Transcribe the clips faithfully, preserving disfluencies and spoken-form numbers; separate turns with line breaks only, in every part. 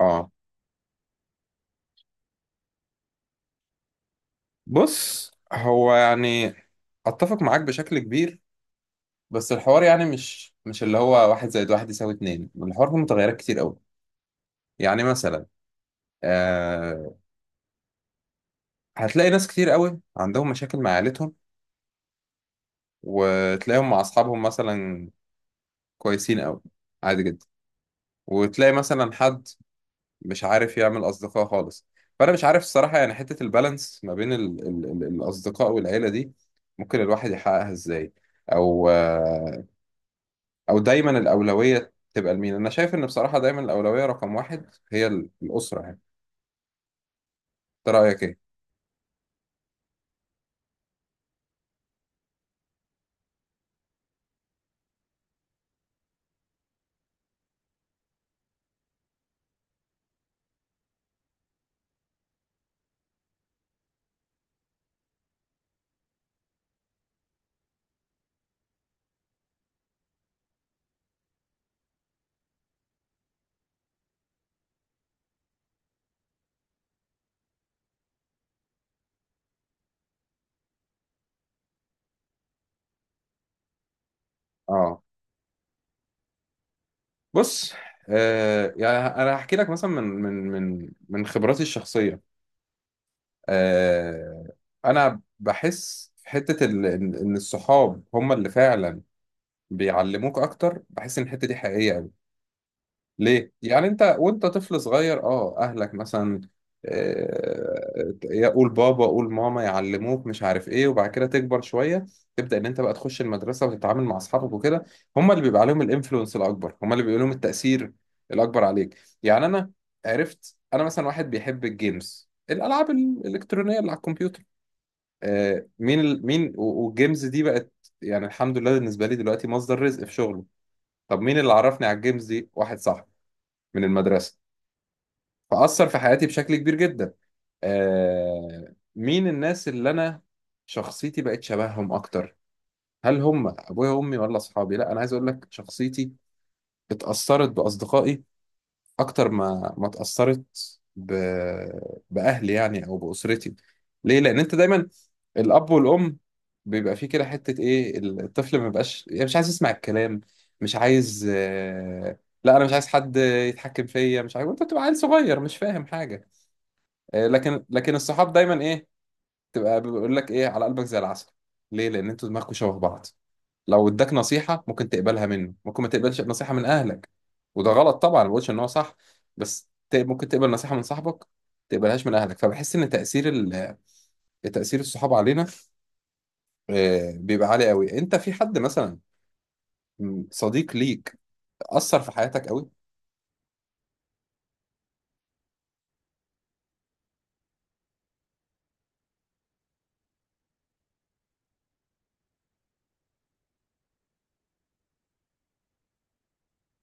اه. بص هو يعني اتفق معاك بشكل كبير. بس الحوار يعني مش مش اللي هو واحد زائد واحد يساوي اتنين، الحوار فيه متغيرات كتير قوي. يعني مثلا، آه هتلاقي ناس كتير قوي عندهم مشاكل مع عيلتهم، وتلاقيهم مع اصحابهم مثلا كويسين قوي، عادي جدا. وتلاقي مثلا حد مش عارف يعمل اصدقاء خالص. فانا مش عارف الصراحة، يعني حتة البالانس ما بين ال ال ال الاصدقاء والعيلة دي ممكن الواحد يحققها ازاي؟ او آه، او دايما الاولويه تبقى لمين؟ انا شايف ان بصراحه دايما الاولويه رقم واحد هي ال- الاسره يعني. انت رايك ايه؟ اه. بص، آه يعني انا هحكي لك مثلا من من من من خبراتي الشخصيه. آه انا بحس في حته ال- ان إن الصحاب هم اللي فعلا بيعلموك اكتر. بحس ان الحته دي حقيقيه قوي. ليه؟ يعني انت وانت طفل صغير، اه اهلك مثلا، آه، يقول بابا قول ماما، يعلموك مش عارف ايه. وبعد كده تكبر شويه، تبدا ان انت بقى تخش المدرسه وتتعامل مع اصحابك وكده. هم اللي بيبقى عليهم الانفلونس الاكبر، هم اللي بيبقى لهم التاثير الاكبر عليك. يعني انا عرفت انا مثلا واحد بيحب الجيمز، الالعاب الالكترونيه اللي على الكمبيوتر. آه، مين ال... مين و- والجيمز دي بقت يعني الحمد لله بالنسبه لي دلوقتي مصدر رزق في شغله. طب مين اللي عرفني على الجيمز دي؟ واحد صاحبي من المدرسه. فأثر في حياتي بشكل كبير جدا. آه مين الناس اللي أنا شخصيتي بقت شبههم أكتر؟ هل هم أبويا وأمي ولا أصحابي؟ لا، أنا عايز أقول لك شخصيتي اتأثرت بأصدقائي أكتر ما ما اتأثرت ب... بأهلي يعني، أو بأسرتي. ليه؟ لأن أنت دايما الأب والأم بيبقى فيه كده حتة إيه، الطفل ما بيبقاش يعني مش عايز يسمع الكلام، مش عايز. آه... لا، أنا مش عايز حد يتحكم فيا، مش عايز. وأنت بتبقى عيل صغير مش فاهم حاجة. آه، لكن لكن الصحاب دايما ايه؟ تبقى بيقول لك ايه على قلبك زي العسل. ليه؟ لان انتوا دماغكم شبه بعض. لو اداك نصيحه ممكن تقبلها منه، ممكن ما تقبلش نصيحه من اهلك. وده غلط طبعا، ما بقولش ان هو صح، بس ت- ممكن تقبل نصيحه من صاحبك، تقبلهاش من اهلك. فبحس ان تاثير ال- تاثير الصحاب علينا آه، بيبقى عالي قوي. انت في حد مثلا، م، صديق ليك، اثر في حياتك قوي؟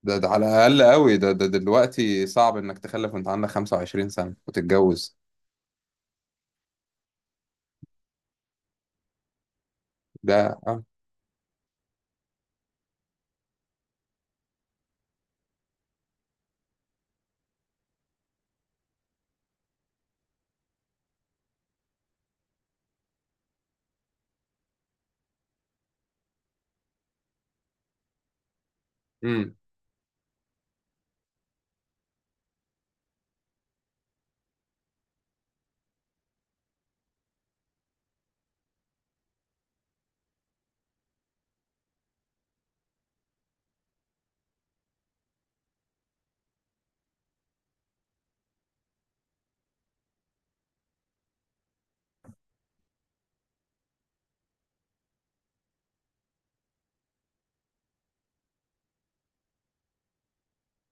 ده, ده على الاقل قوي، ده, ده دلوقتي صعب انك تخلف وانت عندك خمسة وعشرين سنة سنه وتتجوز. ده. اه.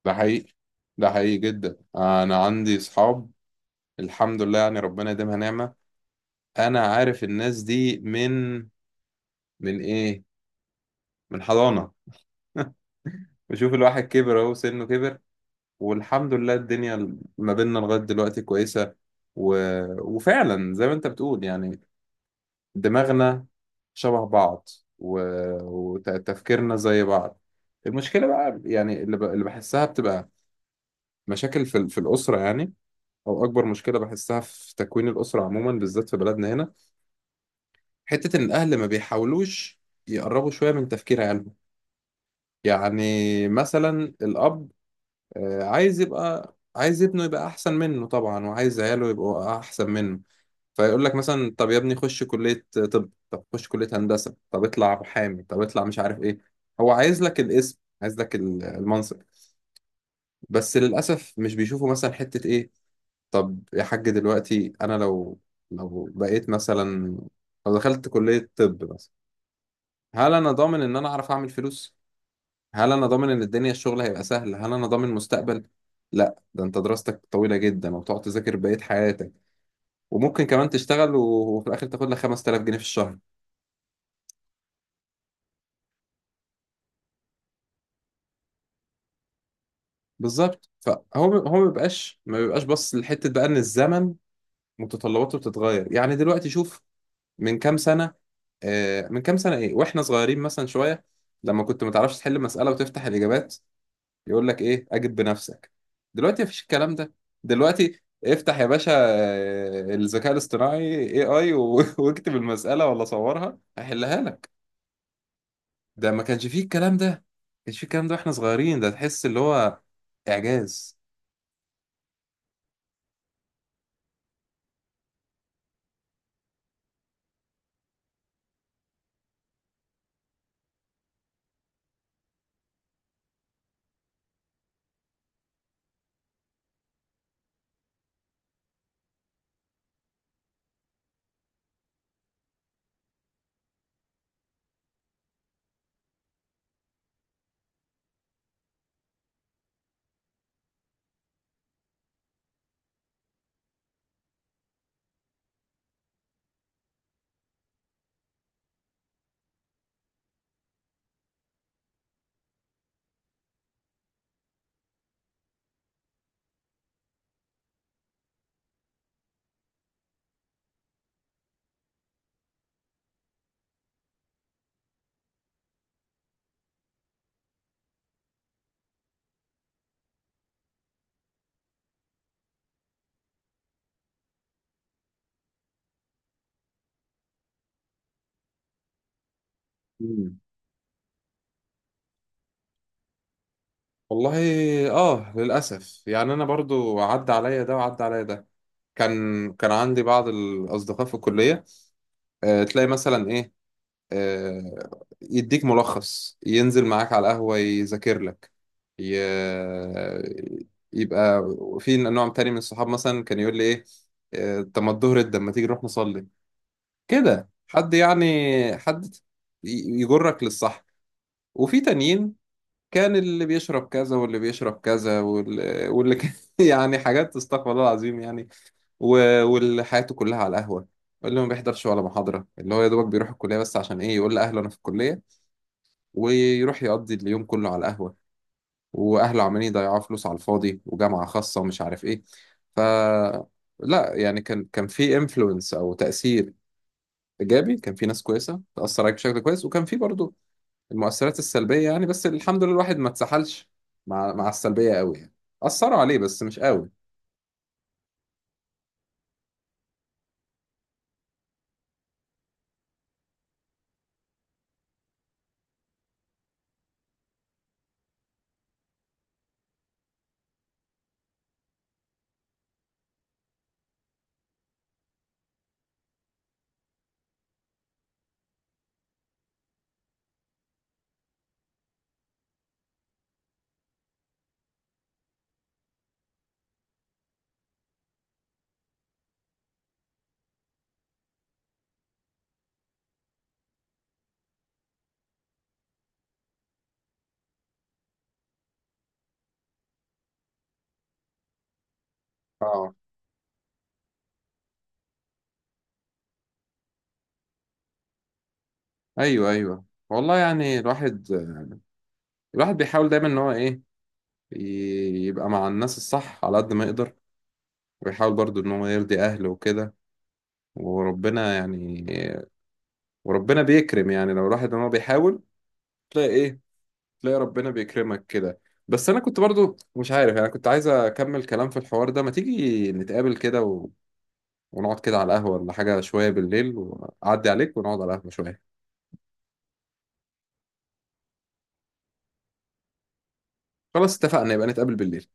ده حقيقي، ده حقيقي جدا. انا عندي اصحاب الحمد لله يعني، ربنا يديمها نعمة. انا عارف الناس دي من من ايه من حضانة. بشوف الواحد كبر، اهو سنه كبر. والحمد لله الدنيا ما بيننا لغاية دلوقتي كويسة. و... وفعلا زي ما انت بتقول يعني دماغنا شبه بعض، و... وتفكيرنا زي بعض. المشكلة بقى، يعني اللي, ب... اللي بحسها بتبقى مشاكل في, ال- في الأسرة يعني، او اكبر مشكله بحسها في تكوين الاسره عموما بالذات في بلدنا هنا، حته ان الاهل ما بيحاولوش يقربوا شويه من تفكير عيالهم. يعني مثلا الاب، آه، عايز يبقى عايز ابنه يبقى احسن منه طبعا، وعايز عياله يبقوا احسن منه. فيقول لك مثلا طب يا ابني خش كليه، طب طب خش كليه هندسه، طب اطلع محامي، طب اطلع مش عارف ايه. هو عايز لك الاسم، عايز لك ال- المنصب. بس للاسف مش بيشوفوا مثلا حته ايه. طب يا حاج، دلوقتي انا لو لو بقيت مثلا، لو دخلت كلية طب مثلا، هل انا ضامن ان انا اعرف اعمل فلوس؟ هل انا ضامن ان الدنيا الشغل هيبقى سهل؟ هل انا ضامن مستقبل؟ لا، ده انت دراستك طويلة جدا، وتقعد تذاكر بقية حياتك، وممكن كمان تشتغل و- وفي الاخر تاخد لك خمستلاف جنيه في الشهر. بالظبط. فهو ب- هو ما بيبقاش ما بيبقاش بص لحتة بقى، ان الزمن متطلباته بتتغير. يعني دلوقتي شوف، من كام سنة، آه، من كام سنة إيه وإحنا صغيرين مثلا شوية، لما كنت ما تعرفش تحل مسألة وتفتح الإجابات، يقول لك إيه، أجب بنفسك. دلوقتي مفيش الكلام ده. دلوقتي افتح يا باشا آه، الذكاء الاصطناعي إيه آي و- واكتب المسألة ولا صورها هيحلها لك. ده ما كانش فيه الكلام ده، ما كانش فيه الكلام ده وإحنا صغيرين. ده تحس اللي هو إعجاز. مم. والله. آه للأسف يعني أنا برضو عدى عليا ده، وعدى عليا ده. كان كان عندي بعض الأصدقاء في الكلية، آه، تلاقي مثلا ايه، آه، يديك ملخص، ينزل معاك على القهوة يذاكر لك، ي... يبقى. في نوع تاني من الصحاب مثلا كان يقول لي ايه، آه، طب ما الظهر ده ما تيجي نروح نصلي؟ كده، حد يعني، حد ي- يجرك للصح. وفي تانيين كان اللي بيشرب كذا واللي بيشرب كذا واللي, واللي كان يعني حاجات استغفر الله العظيم يعني و- وحياته كلها على القهوة، اللي ما بيحضرش ولا محاضرة، اللي هو يا دوبك بيروح الكلية بس عشان إيه؟ يقول لأهله أنا في الكلية، ويروح يقضي اليوم كله على القهوة. وأهله عمالين يضيعوا فلوس على الفاضي، وجامعة خاصة ومش عارف إيه. ف لا يعني كان كان في انفلونس أو تأثير إيجابي، كان في ناس كويسة تأثر عليك بشكل كويس، وكان في برضو المؤثرات السلبية يعني. بس الحمد لله الواحد ما اتسحلش مع مع السلبية قوي يعني، أثروا عليه بس مش قوي. اه. ايوه، ايوه. والله، يعني الواحد الواحد بيحاول دايما ان هو ايه، ي- يبقى مع الناس الصح على قد ما يقدر، ويحاول برضو ان هو يرضي اهله وكده. وربنا يعني وربنا بيكرم يعني، لو الواحد ان هو بيحاول، تلاقي ايه تلاقي ربنا بيكرمك كده. بس انا كنت برضو مش عارف يعني، كنت عايز اكمل كلام في الحوار ده. ما تيجي نتقابل كده و... ونقعد كده على القهوة ولا حاجة شوية بالليل، وأعدي عليك ونقعد على القهوة شوية؟ خلاص اتفقنا، يبقى نتقابل بالليل.